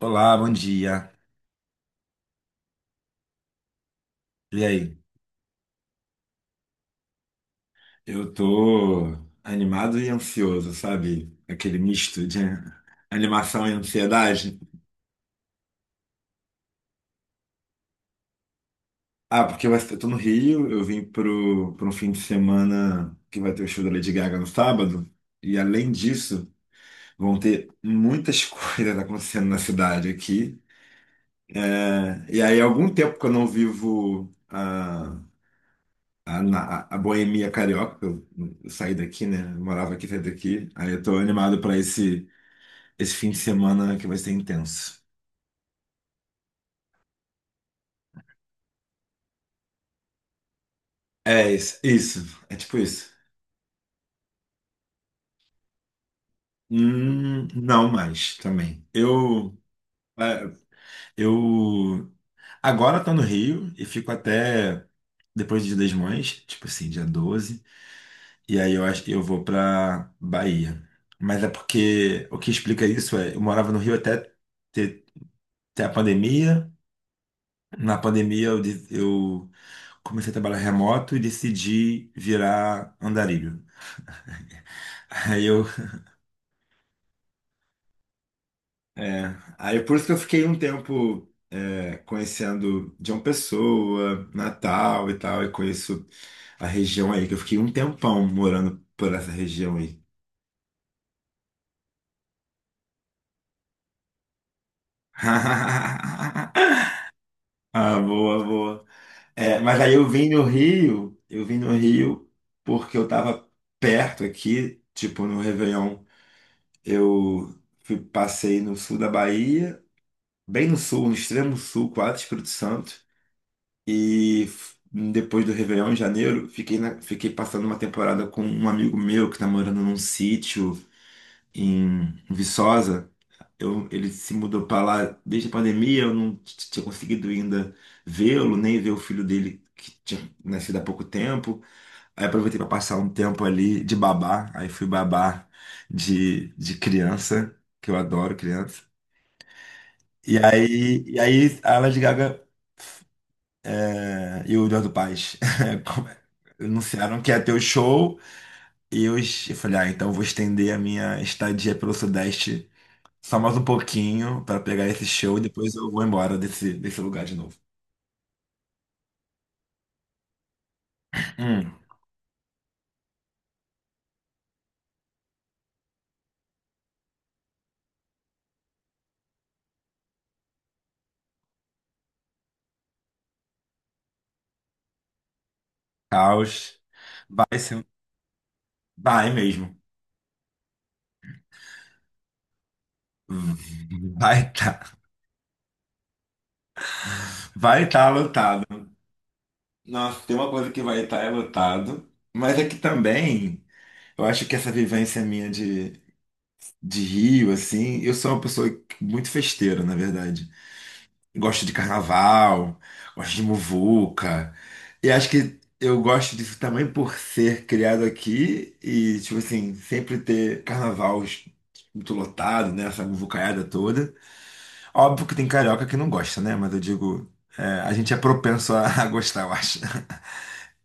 Olá, bom dia. E aí? Eu tô animado e ansioso, sabe? Aquele misto de animação e ansiedade. Ah, porque eu tô no Rio, eu vim pro um fim de semana que vai ter o show da Lady Gaga no sábado. E além disso, vão ter muitas coisas acontecendo na cidade aqui, né? E aí, há algum tempo que eu não vivo a boemia carioca, eu saí daqui, né? Eu morava aqui, saí daqui. Aí eu tô animado pra esse fim de semana que vai ser intenso. É isso, isso, é tipo isso. Não mais também. É, eu agora tô no Rio e fico até depois do Dia das Mães, tipo assim, dia 12 e aí eu acho que eu vou pra Bahia. Mas é porque o que explica isso é, eu morava no Rio até ter, ter a pandemia. Na pandemia eu comecei a trabalhar remoto e decidi virar andarilho. Aí eu É, aí por isso que eu fiquei um tempo conhecendo João Pessoa, Natal e tal, e conheço a região aí, que eu fiquei um tempão morando por essa região aí. Ah, boa, boa. É, mas aí eu vim no Rio porque eu tava perto aqui, tipo no Réveillon. Eu fui, passei no sul da Bahia, bem no sul, no extremo sul, quase Espírito Santo. E depois do Réveillon, em janeiro, fiquei passando uma temporada com um amigo meu que tá morando num sítio em Viçosa. Ele se mudou pra lá desde a pandemia, eu não tinha conseguido ainda vê-lo, nem ver o filho dele que tinha nascido há pouco tempo. Aí aproveitei para passar um tempo ali de babá, aí fui babá de criança, que eu adoro criança. E aí, a Lady Gaga e o Eduardo Paes anunciaram que ia ter o show e eu falei, ah, então eu vou estender a minha estadia pelo Sudeste só mais um pouquinho para pegar esse show e depois eu vou embora desse lugar de novo. Hum, caos. Vai ser, um- vai mesmo. Vai tá, vai tá lotado. Nossa, tem uma coisa que vai estar é lotado, mas é que também eu acho que essa vivência minha de Rio, assim, eu sou uma pessoa muito festeira, na verdade. Gosto de carnaval, gosto de muvuca. E acho que eu gosto disso também por ser criado aqui e, tipo assim, sempre ter carnaval muito lotado, né? Essa muvucaiada toda. Óbvio que tem carioca que não gosta, né? Mas eu digo, é, a gente é propenso a gostar, eu acho.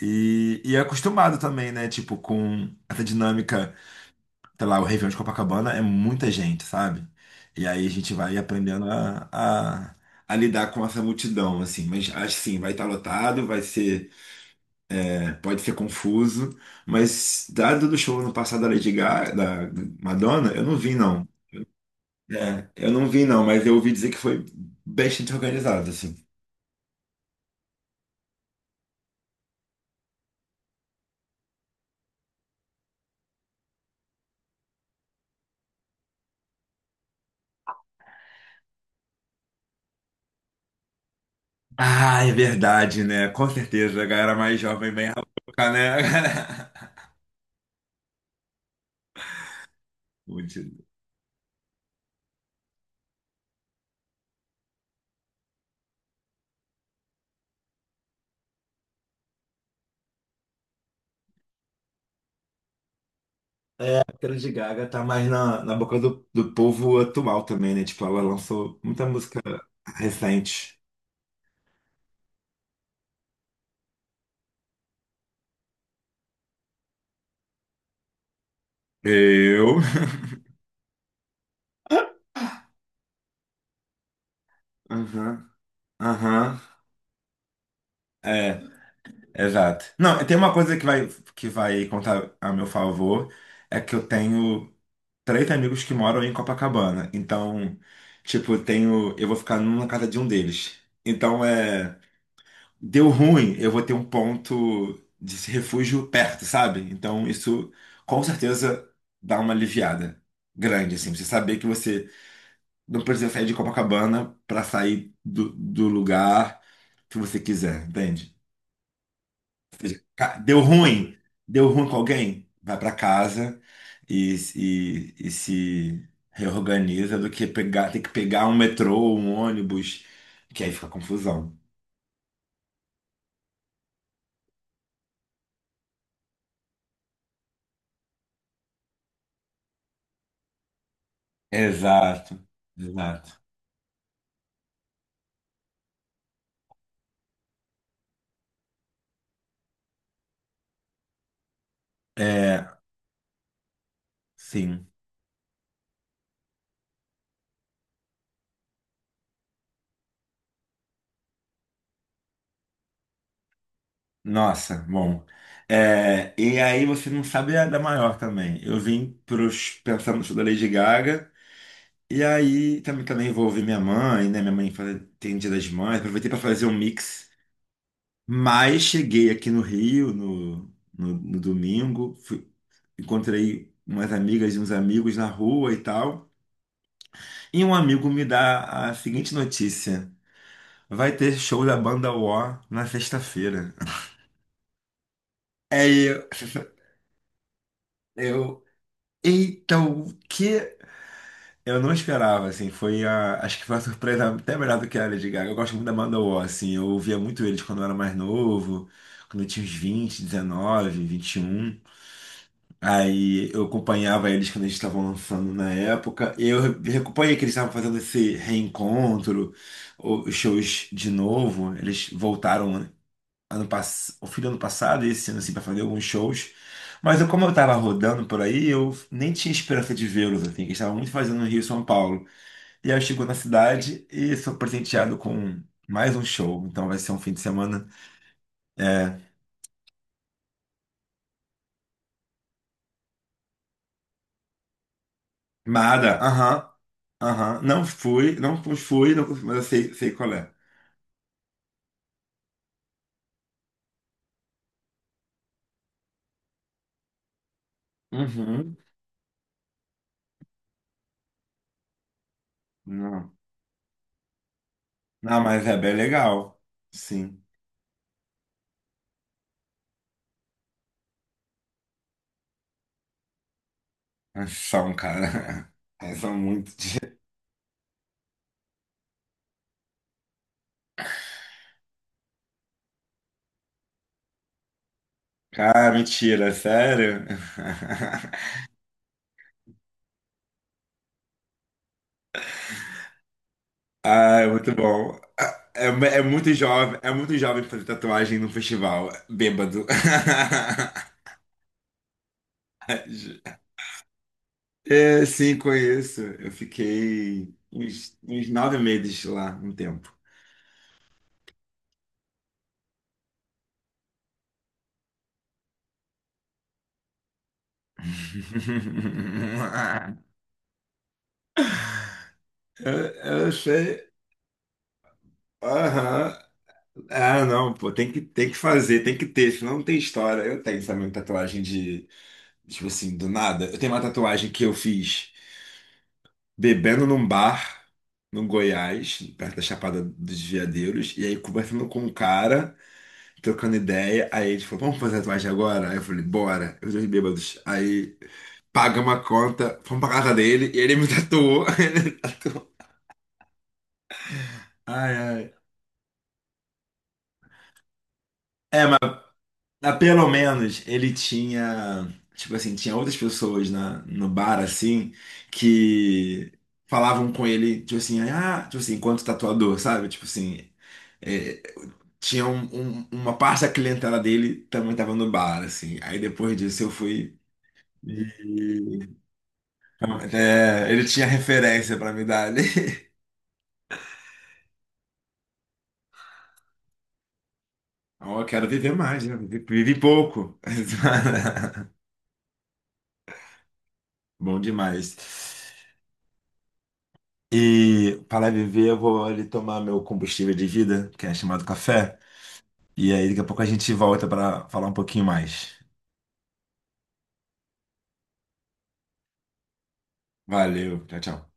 E é acostumado também, né? Tipo, com essa dinâmica, sei lá, o Réveillon de Copacabana é muita gente, sabe? E aí a gente vai aprendendo a lidar com essa multidão, assim. Mas assim, vai estar lotado, vai ser, pode ser confuso, mas dado do show no passado da Lady Gaga, da Madonna, eu não vi não. É, eu não vi não, mas eu ouvi dizer que foi bastante organizado, assim. Ah, é verdade, né? Com certeza, a galera mais jovem bem louca, né? Muito. É porque a Lady Gaga tá mais na boca do povo atual também, né? Tipo, ela lançou muita música recente. Eu. Aham, aham. É, exato. Não, tem uma coisa que que vai contar a meu favor, é que eu tenho três amigos que moram em Copacabana. Então, tipo, eu tenho. Eu vou ficar numa casa de um deles. Então é. Deu ruim, eu vou ter um ponto de refúgio perto, sabe? Então isso com certeza dá uma aliviada grande, assim. Você saber que você não precisa sair de Copacabana para sair do lugar que você quiser, entende? Ca- Deu ruim, deu ruim com alguém, vai para casa e se reorganiza do que ter que pegar um metrô, um ônibus, que aí fica confusão. Exato, exato. É, sim. Nossa, bom. É, e aí você não sabe a da maior também. Eu vim pensando no show da Lady Gaga. E aí também envolvi minha mãe, né? Minha mãe tem Dia das Mães. Aproveitei para fazer um mix. Mas cheguei aqui no Rio no domingo. Encontrei umas amigas e uns amigos na rua e tal. E um amigo me dá a seguinte notícia. Vai ter show da banda War na sexta-feira. É, eu, Eita, o que eu não esperava, assim, foi. Acho que foi uma surpresa até melhor do que a Lady Gaga. Eu gosto muito da banda War, assim, eu ouvia muito eles quando eu era mais novo, quando eu tinha uns 20 19, 21. Aí eu acompanhava eles quando eles estavam lançando na época. E eu acompanhei que eles estavam fazendo esse reencontro, os shows de novo. Eles voltaram o fim do ano passado, esse ano assim, pra fazer alguns shows. Mas eu, como eu tava rodando por aí, eu nem tinha esperança de vê-los, assim, que eles estavam muito fazendo no Rio e São Paulo. E aí eu chego na cidade e sou presenteado com mais um show. Então vai ser um fim de semana. É. Mada, aham, aham. Não fui, não fui, não, mas eu sei, qual é. Uhum. Não. Não, mas é bem legal. Sim. Mas São, cara. Mas São muito. Cara, mentira, sério? Ah, é muito bom. Ah, é, é muito jovem fazer tatuagem num festival, bêbado. É, sim, conheço. Eu fiquei uns 9 meses lá, um tempo. Eu, eu sei. Aham. Ah, não, pô, tem que fazer, tem que ter, senão não tem história. Eu tenho, sabe, uma tatuagem de, tipo assim, do nada. Eu tenho uma tatuagem que eu fiz, bebendo num bar no Goiás, perto da Chapada dos Veadeiros, e aí conversando com um cara, trocando ideia, aí ele falou, vamos fazer tatuagem agora? Aí eu falei, bora, os dois bêbados. Aí paga uma conta, fomos pra casa dele, e ele me tatuou, ele me tatuou. Ai, ai. É, mas pelo menos ele tinha, tipo assim, tinha outras pessoas no bar, assim, que falavam com ele, tipo assim, ah, tipo assim, enquanto tatuador, sabe? Tipo assim, é, tinha uma parte da clientela dele também estava no bar, assim. Aí depois disso eu fui. E- É, ele tinha referência pra me dar ali. Ó, eu quero viver mais, né? Vivi pouco. Bom demais. E para viver, eu vou ali tomar meu combustível de vida, que é chamado café. E aí, daqui a pouco a gente volta para falar um pouquinho mais. Valeu, tchau, tchau.